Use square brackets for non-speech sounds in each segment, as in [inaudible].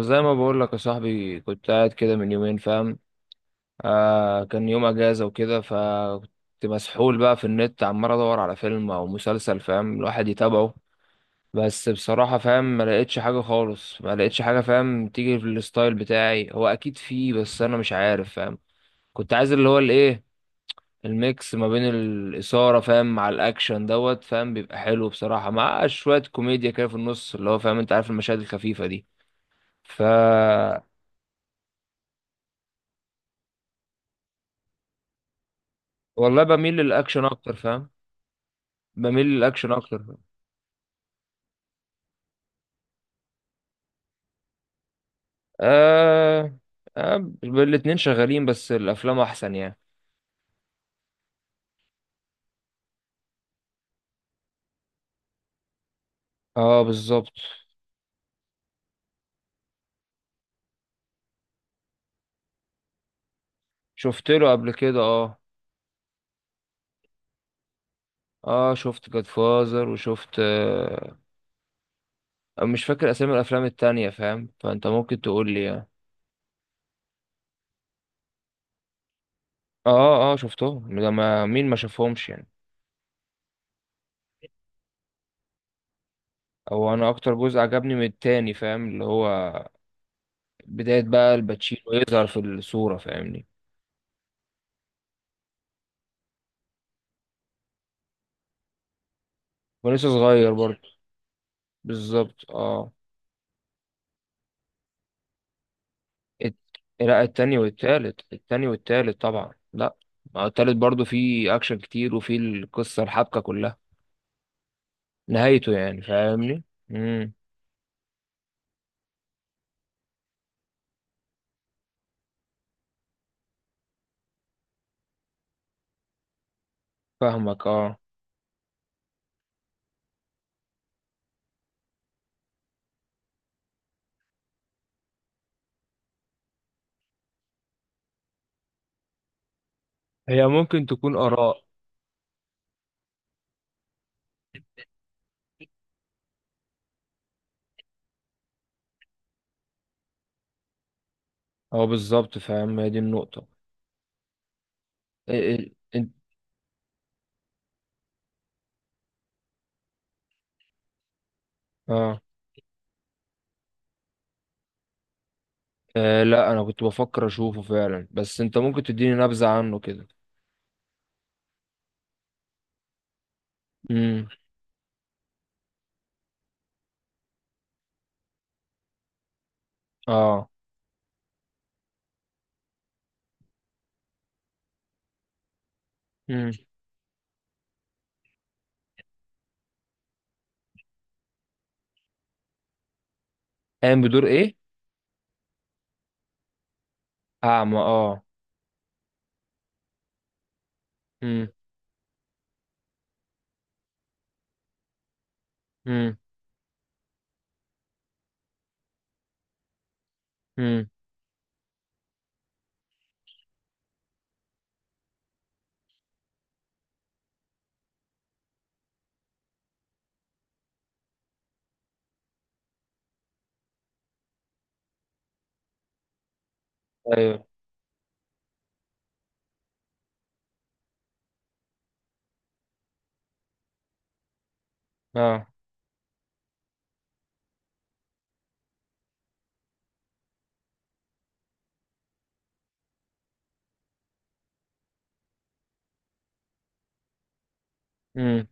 زي ما بقول لك يا صاحبي، كنت قاعد كده من يومين، فاهم. آه، كان يوم اجازه وكده، فكنت مسحول بقى في النت عمال ادور على فيلم او مسلسل، فاهم، الواحد يتابعه. بس بصراحه فاهم ما لقيتش حاجه خالص، ما لقيتش حاجه، فاهم، تيجي في الستايل بتاعي. هو اكيد فيه بس انا مش عارف، فاهم. كنت عايز اللي هو الايه، الميكس ما بين الاثاره، فاهم، مع الاكشن دوت، فاهم، بيبقى حلو بصراحه، مع شويه كوميديا كده في النص اللي هو فاهم، انت عارف المشاهد الخفيفه دي. ف والله بميل للاكشن اكتر، فاهم. بميل للاكشن اكتر. آه... الاتنين شغالين، بس الافلام احسن يعني. اه، بالظبط. شفت له قبل كده، اه. اه شفت جاد فازر، وشفت مش فاكر اسامي الافلام التانية، فاهم، فانت ممكن تقول لي يعني. اه اه شفتهم، ده ما مين ما شافهمش يعني. او انا اكتر جزء عجبني من التاني، فاهم، اللي هو بداية بقى الباتشينو يظهر في الصورة، فاهمني. ولسه صغير برضه. بالظبط اه. الت- لا، التاني والتالت، التاني والتالت طبعا. لا، ما هو التالت برضو فيه اكشن كتير، وفيه القصة الحبكة كلها، نهايته يعني فاهمني. امم. فاهمك اه. هي ممكن تكون اراء. هو بالظبط فاهم، هي دي النقطة. إيه انت. اه. آه، لا انا كنت بفكر اشوفه فعلا، بس انت ممكن تديني نبذة عنه كده. امم. اه. امم. قايم بدور ايه؟ اعمى، اه. امم. امم. امم. ايوه. اه. امم.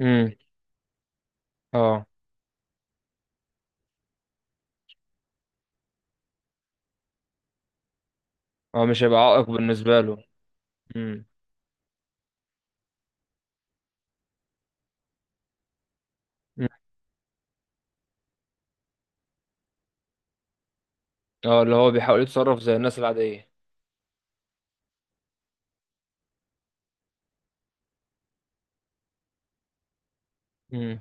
امم. اه اه، مش هيبقى عائق بالنسبة له. مم. مم. اه، اللي هو بيحاول يتصرف زي الناس العادية. مم.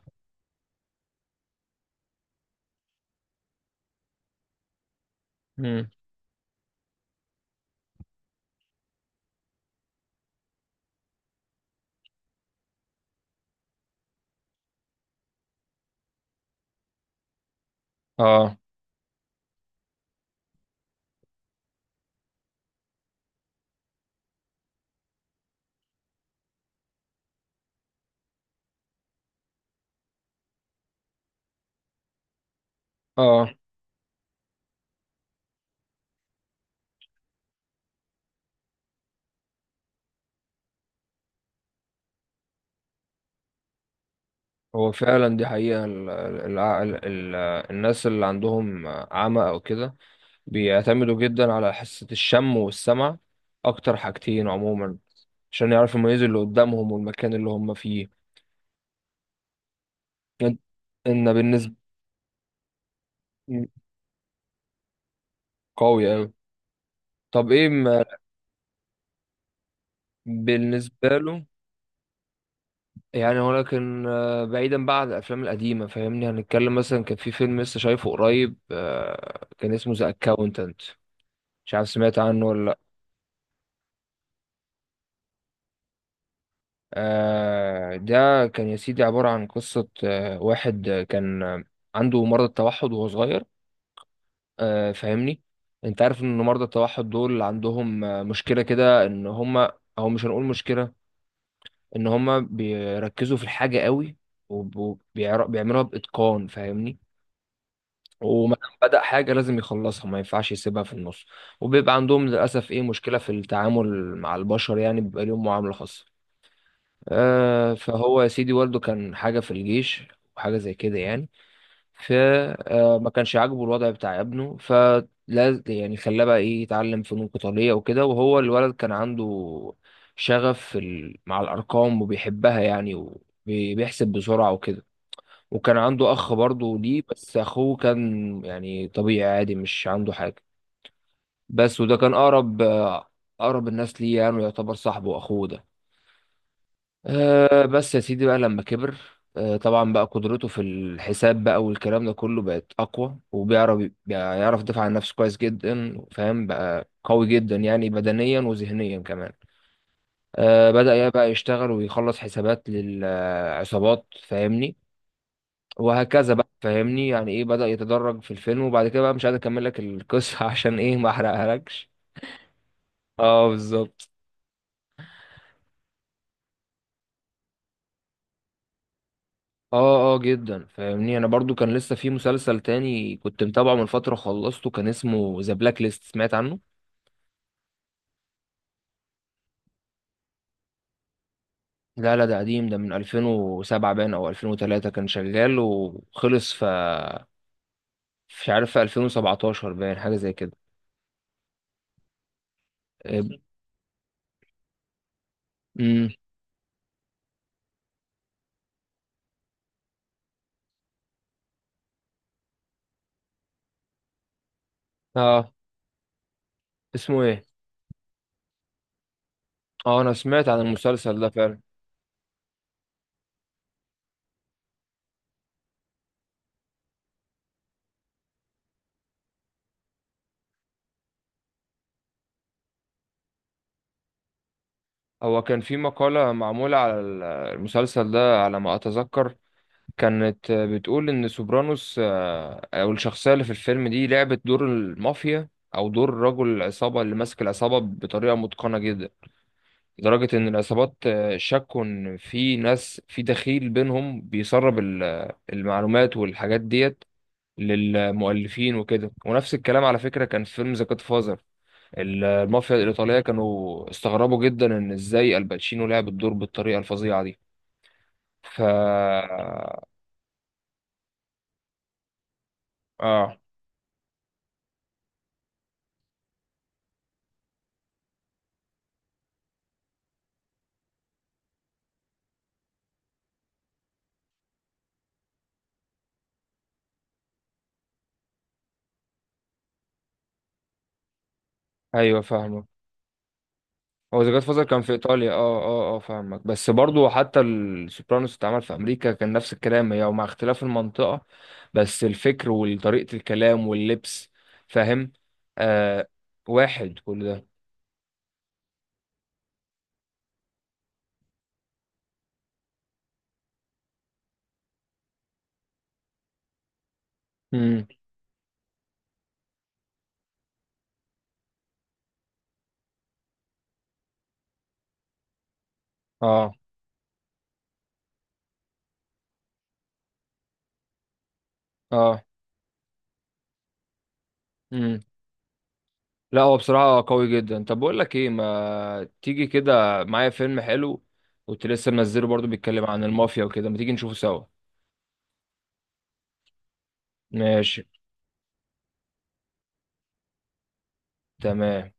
مم. اه اه. هو فعلا دي حقيقة، ال الناس اللي عندهم عمى او كده بيعتمدوا جدا على حاسة الشم والسمع، اكتر حاجتين عموما، عشان يعرفوا يميزوا اللي قدامهم والمكان اللي هم فيه. ان إن بالنسبة. قوي اوي. طب ايه ما بالنسبة له، يعني. ولكن آه، بعيدا بقى عن الافلام القديمه، فاهمني، هنتكلم مثلا كان في فيلم لسه شايفه قريب، آه، كان اسمه ذا اكاونتنت. مش عارف سمعت عنه ولا لا. آه، ده كان يا سيدي عباره عن قصه، آه، واحد آه، كان آه، عنده مرض التوحد وهو صغير، آه، فاهمني. انت عارف ان مرضى التوحد دول عندهم آه، مشكله كده، ان هم، او مش هنقول مشكله، ان هم بيركزوا في الحاجه قوي، وبيعملوها باتقان فاهمني. وما دام بدأ حاجة لازم يخلصها، ما ينفعش يسيبها في النص. وبيبقى عندهم للأسف إيه مشكلة في التعامل مع البشر، يعني بيبقى ليهم معاملة خاصة. آه فهو يا سيدي، والده كان حاجة في الجيش وحاجة زي كده يعني، فما كانش عاجبه الوضع بتاع ابنه، فلا يعني خلاه بقى إيه يتعلم فنون قتالية وكده. وهو الولد كان عنده شغف في مع الأرقام وبيحبها يعني، وبيحسب بسرعة وكده. وكان عنده اخ برضه ليه، بس اخوه كان يعني طبيعي عادي مش عنده حاجه، بس وده كان اقرب آه، اقرب الناس ليه، يعني يعتبر صاحبه واخوه ده. أه بس يا سيدي بقى لما كبر، أه طبعا بقى قدرته في الحساب بقى والكلام ده كله بقت اقوى، وبيعرف، يدافع عن نفسه كويس جدا، فاهم، بقى قوي جدا يعني، بدنيا وذهنيا كمان. أه بدأ يا بقى يشتغل ويخلص حسابات للعصابات، فاهمني، وهكذا بقى فاهمني. يعني ايه، بدأ يتدرج في الفيلم، وبعد كده بقى مش قادر اكمل لك القصة [laughs] عشان ايه، ما احرقهالكش. اه بالظبط. اه اه، جدا فاهمني. انا برضو كان لسه في مسلسل تاني كنت متابعه من فترة خلصته، كان اسمه ذا بلاك ليست، سمعت عنه؟ لا لا، ده قديم، ده من 2007 باين او 2003، كان شغال وخلص في، مش عارف، في 2017 باين حاجة زي كده. امم. اه. اسمه ايه؟ اه انا سمعت عن المسلسل ده فعلا. هو كان في مقالة معمولة على المسلسل ده على ما أتذكر، كانت بتقول إن سوبرانوس آه، أو الشخصية اللي في الفيلم دي لعبت دور المافيا، أو دور رجل العصابة اللي ماسك العصابة بطريقة متقنة جدا، لدرجة إن العصابات آه، شكوا إن في ناس، في دخيل بينهم بيسرب المعلومات والحاجات ديت للمؤلفين وكده. ونفس الكلام على فكرة كان في فيلم ذا جاد، المافيا الإيطالية كانوا استغربوا جدا إن إزاي الباتشينو لعب الدور بالطريقة الفظيعة دي. ف آه أيوه فاهمة. هو ذا جاد فازر كان في إيطاليا، آه آه آه فاهمك، بس برضو حتى السوبرانوس اتعمل في أمريكا، كان نفس الكلام هي ومع اختلاف المنطقة، بس الفكر وطريقة الكلام واللبس، فاهم، آه، واحد كل ده. امم. آه آه، لا هو بصراحة قوي جدا. طب بقول لك ايه، ما تيجي كده معايا فيلم حلو، كنت لسه منزله برضو بيتكلم عن المافيا وكده، ما تيجي نشوفه سوا. ماشي. تمام.